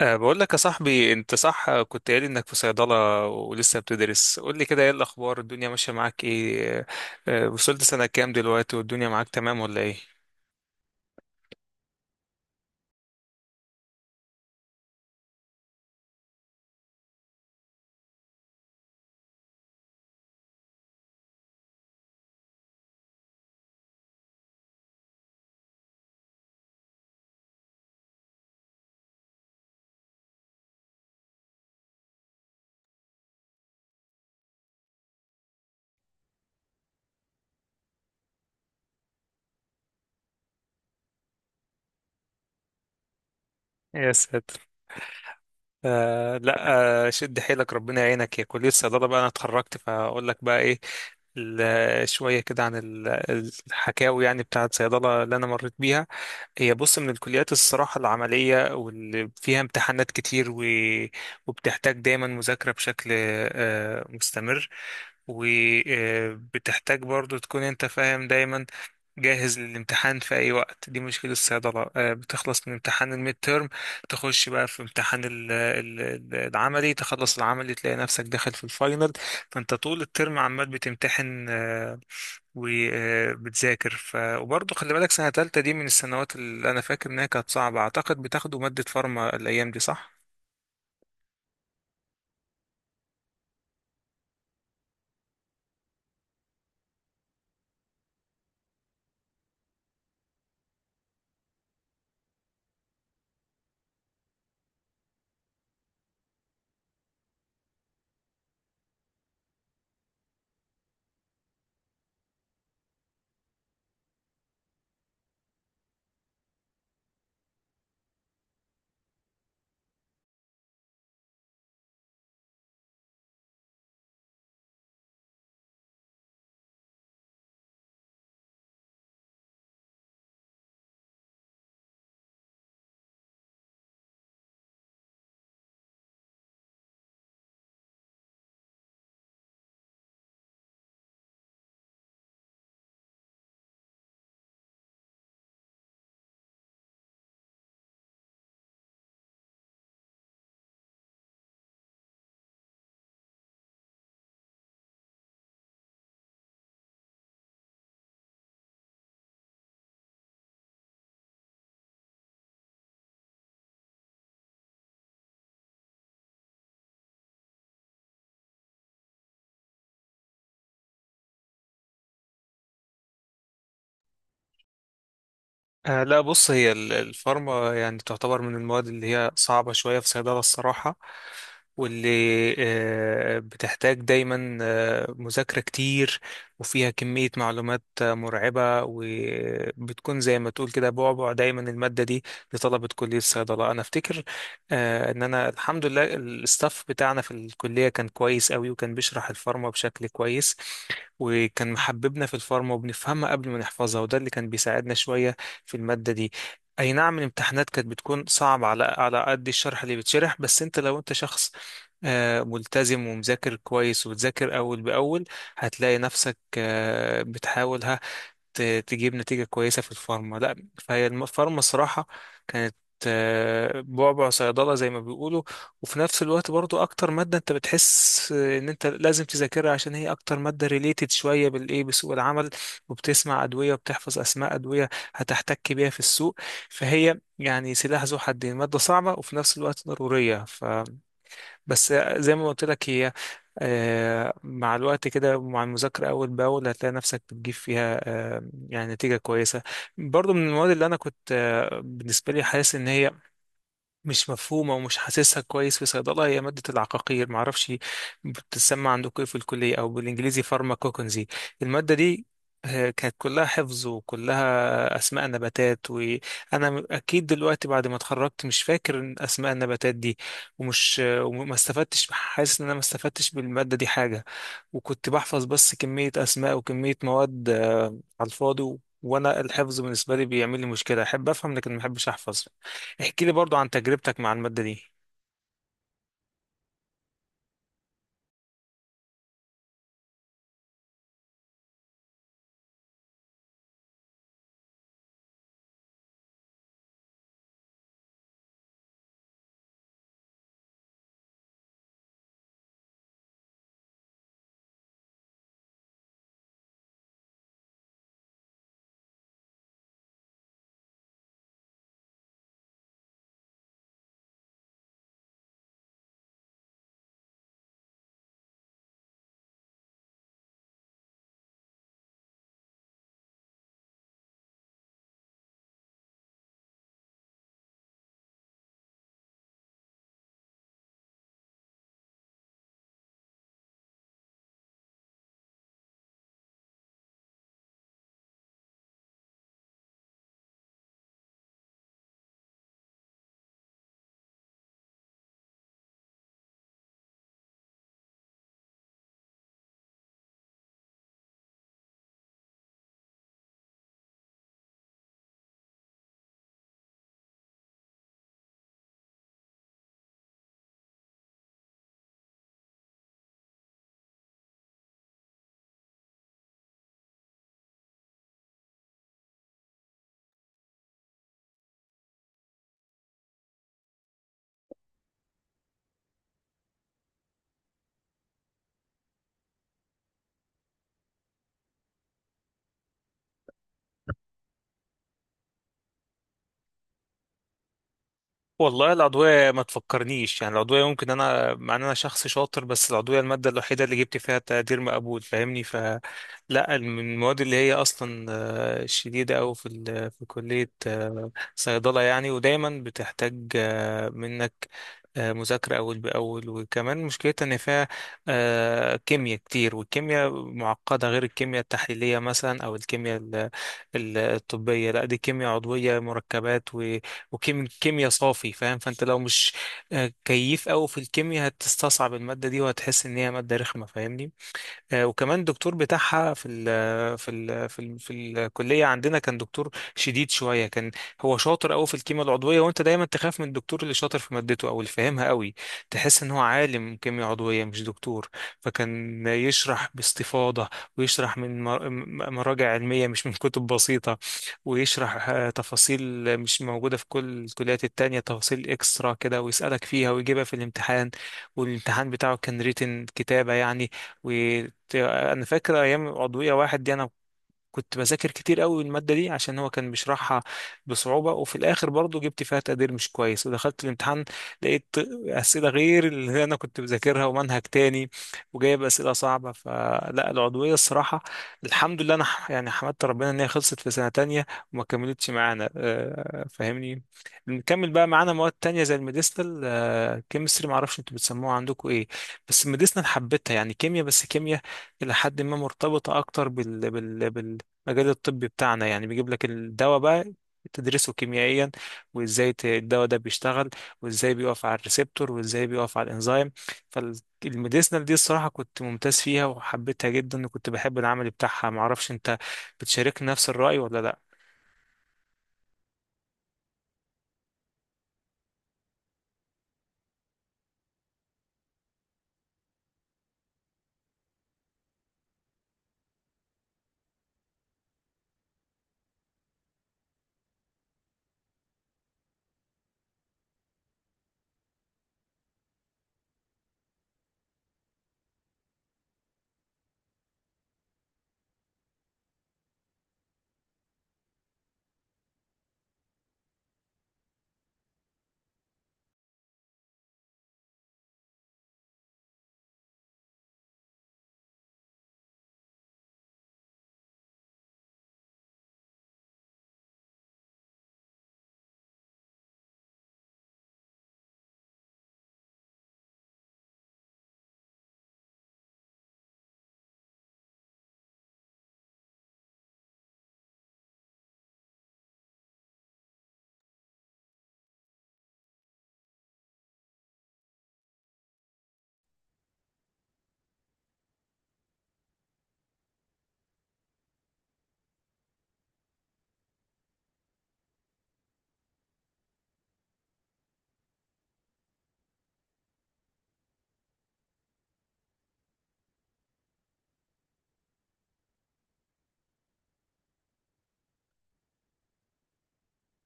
بقول لك يا صاحبي، انت صح كنت قايل انك في صيدلة ولسه بتدرس. قول لي كده، ايه الاخبار؟ الدنيا ماشية معاك ايه؟ وصلت سنة كام دلوقتي والدنيا معاك تمام ولا ايه؟ يا ساتر! أه لا أه شد حيلك، ربنا يعينك. يا كلية صيدلة بقى انا اتخرجت، فاقول لك بقى ايه. شوية كده عن الحكاوي يعني بتاعة صيدلة اللي انا مريت بيها. هي بص، من الكليات الصراحة العملية، واللي فيها امتحانات كتير، وبتحتاج دايما مذاكرة بشكل مستمر، وبتحتاج برضو تكون انت فاهم دايما، جاهز للامتحان في اي وقت. دي مشكلة الصيدلة. بتخلص من امتحان الميد تيرم، تخش بقى في امتحان العملي، تخلص العملي تلاقي نفسك داخل في الفاينل. فانت طول الترم عمال بتمتحن وبتذاكر. وبرضو خلي بالك، سنة تالتة دي من السنوات اللي انا فاكر انها كانت صعبة. اعتقد بتاخدوا مادة فارما الايام دي، صح؟ آه لا بص، هي الفارما يعني تعتبر من المواد اللي هي صعبة شوية في صيدلة الصراحة، واللي بتحتاج دايما مذاكرة كتير، وفيها كمية معلومات مرعبة، وبتكون زي ما تقول كده بعبع دايما المادة دي لطلبة كلية الصيدلة. أنا أفتكر إن أنا الحمد لله الستاف بتاعنا في الكلية كان كويس قوي، وكان بيشرح الفارما بشكل كويس، وكان محببنا في الفارما، وبنفهمها قبل ما نحفظها، وده اللي كان بيساعدنا شوية في المادة دي. اي نعم الامتحانات كانت بتكون صعبة، على قد الشرح اللي بيتشرح، بس انت لو انت شخص ملتزم ومذاكر كويس وبتذاكر أول بأول، هتلاقي نفسك بتحاول تجيب نتيجة كويسة في الفارما. لا، فهي الفارما صراحة كانت بعبع صيدلة زي ما بيقولوا، وفي نفس الوقت برضو أكتر مادة أنت بتحس إن أنت لازم تذاكرها، عشان هي أكتر مادة ريليتد شوية بالإيه، بسوق العمل. وبتسمع أدوية وبتحفظ أسماء أدوية هتحتك بيها في السوق. فهي يعني سلاح ذو حدين، مادة صعبة وفي نفس الوقت ضرورية. بس زي ما قلت لك، هي مع الوقت كده، ومع المذاكرة أول بأول، هتلاقي نفسك بتجيب فيها يعني نتيجة كويسة. برضو من المواد اللي أنا كنت بالنسبة لي حاسس إن هي مش مفهومة ومش حاسسها كويس في صيدلة، هي مادة العقاقير، معرفش بتتسمى عندكم ايه في الكلية، أو بالإنجليزي فارماكوكنزي. المادة دي كانت كلها حفظ، وكلها أسماء نباتات، وأنا أكيد دلوقتي بعد ما اتخرجت مش فاكر إن أسماء النباتات دي، ومش آه، وما استفدتش حاسس إن أنا ما استفدتش بالمادة دي حاجة، وكنت بحفظ بس كمية أسماء وكمية مواد على الفاضي. وأنا الحفظ بالنسبة لي بيعمل لي مشكلة، أحب أفهم لكن ما أحبش أحفظ. احكي لي برضو عن تجربتك مع المادة دي. والله العضوية ما تفكرنيش يعني، العضوية ممكن أنا، مع إن أنا شخص شاطر، بس العضوية المادة الوحيدة اللي جبت فيها تقدير مقبول، فاهمني؟ فلا، من المواد اللي هي أصلا شديدة أوي في في كلية صيدلة يعني، ودايما بتحتاج منك مذاكرة أول بأول. وكمان مشكلتها إن فيها كيمياء كتير، والكيمياء معقدة، غير الكيمياء التحليلية مثلا، أو الكيمياء الطبية. لا، دي كيمياء عضوية مركبات وكيمياء صافي، فاهم؟ فانت لو مش كيف قوي في الكيمياء هتستصعب المادة دي، وهتحس ان هي مادة رخمة، فاهمني؟ وكمان الدكتور بتاعها في ال في ال في ال في الكليه عندنا كان دكتور شديد شويه. كان هو شاطر قوي في الكيمياء العضويه، وانت دايما تخاف من الدكتور اللي شاطر في مادته، او اللي فاهمها قوي، تحس ان هو عالم كيمياء عضويه مش دكتور. فكان يشرح باستفاضه، ويشرح من مراجع علميه، مش من كتب بسيطه، ويشرح تفاصيل مش موجوده في كل الكليات التانية، تفاصيل اكسترا كده، ويسالك فيها ويجيبها في الامتحان. والامتحان بتاعه كان ريتن، كتابه يعني. انا فاكر ايام عضويه واحد دي، انا كنت بذاكر كتير قوي المادة دي عشان هو كان بيشرحها بصعوبة، وفي الآخر برضو جبت فيها تقدير مش كويس. ودخلت الامتحان لقيت أسئلة غير اللي أنا كنت بذاكرها، ومنهج تاني، وجايب أسئلة صعبة. فلا، العضوية الصراحة الحمد لله أنا يعني حمدت ربنا إن هي خلصت في سنة تانية، وما كملتش معانا، فاهمني. نكمل بقى معانا مواد تانية زي الميديسنال كيمستري، معرفش انتوا بتسموها عندكم ايه. بس الميديسنال حبيتها، يعني كيمياء بس كيمياء إلى حد ما مرتبطة أكتر بال المجال الطبي بتاعنا يعني، بيجيب لك الدواء بقى تدرسه كيميائيا، وازاي الدواء ده بيشتغل، وازاي بيقف على الريسبتور، وازاي بيقف على الانزيم. فالميديسنال دي الصراحة كنت ممتاز فيها وحبيتها جدا، وكنت بحب العمل بتاعها. معرفش انت بتشاركني نفس الرأي ولا لا.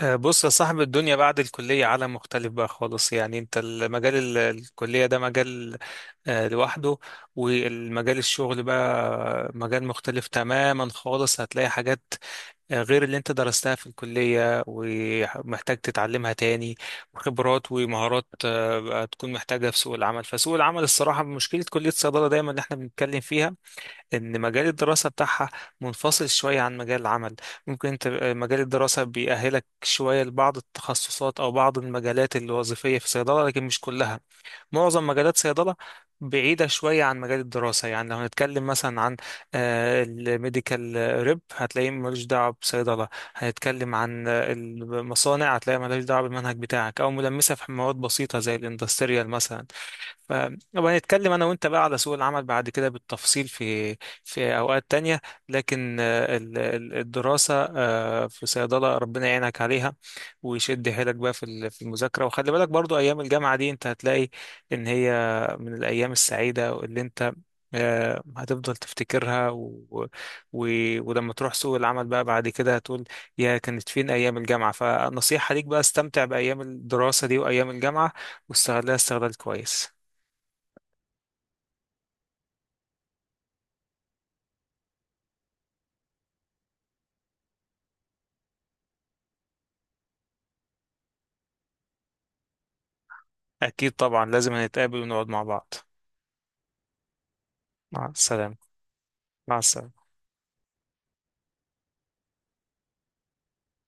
بص يا صاحب، الدنيا بعد الكلية عالم مختلف بقى خالص. يعني انت، المجال الكلية ده مجال لوحده، والمجال الشغل بقى مجال مختلف تماما خالص. هتلاقي حاجات غير اللي انت درستها في الكلية ومحتاج تتعلمها تاني، وخبرات ومهارات هتكون محتاجها في سوق العمل. فسوق العمل الصراحة، مشكلة كلية الصيدلة دايما اللي احنا بنتكلم فيها، ان مجال الدراسة بتاعها منفصل شوية عن مجال العمل. ممكن انت مجال الدراسة بيأهلك شوية لبعض التخصصات او بعض المجالات الوظيفية في الصيدلة، لكن مش كلها. معظم مجالات صيدلة بعيدة شوية عن مجال الدراسة. يعني لو هنتكلم مثلا عن الميديكال ريب، هتلاقيه ملوش دعوة بصيدلة. هنتكلم عن المصانع، هتلاقيه ملوش دعوة بالمنهج بتاعك، أو ملمسة في مواد بسيطة زي الاندستريال مثلا. فنبقى نتكلم انا وانت بقى على سوق العمل بعد كده بالتفصيل في في اوقات تانية. لكن الدراسة في صيدلة ربنا يعينك عليها، ويشد حيلك بقى في في المذاكرة. وخلي بالك برضو، ايام الجامعة دي انت هتلاقي ان هي من الايام السعيدة اللي انت هتفضل تفتكرها. و... ولما تروح سوق العمل بقى بعد كده، هتقول يا كانت فين أيام الجامعة. فنصيحة ليك بقى، استمتع بأيام الدراسة دي وأيام الجامعة، واستغلها استغلال كويس. أكيد طبعا لازم نتقابل ونقعد مع بعض. مع السلامة. مع السلامة.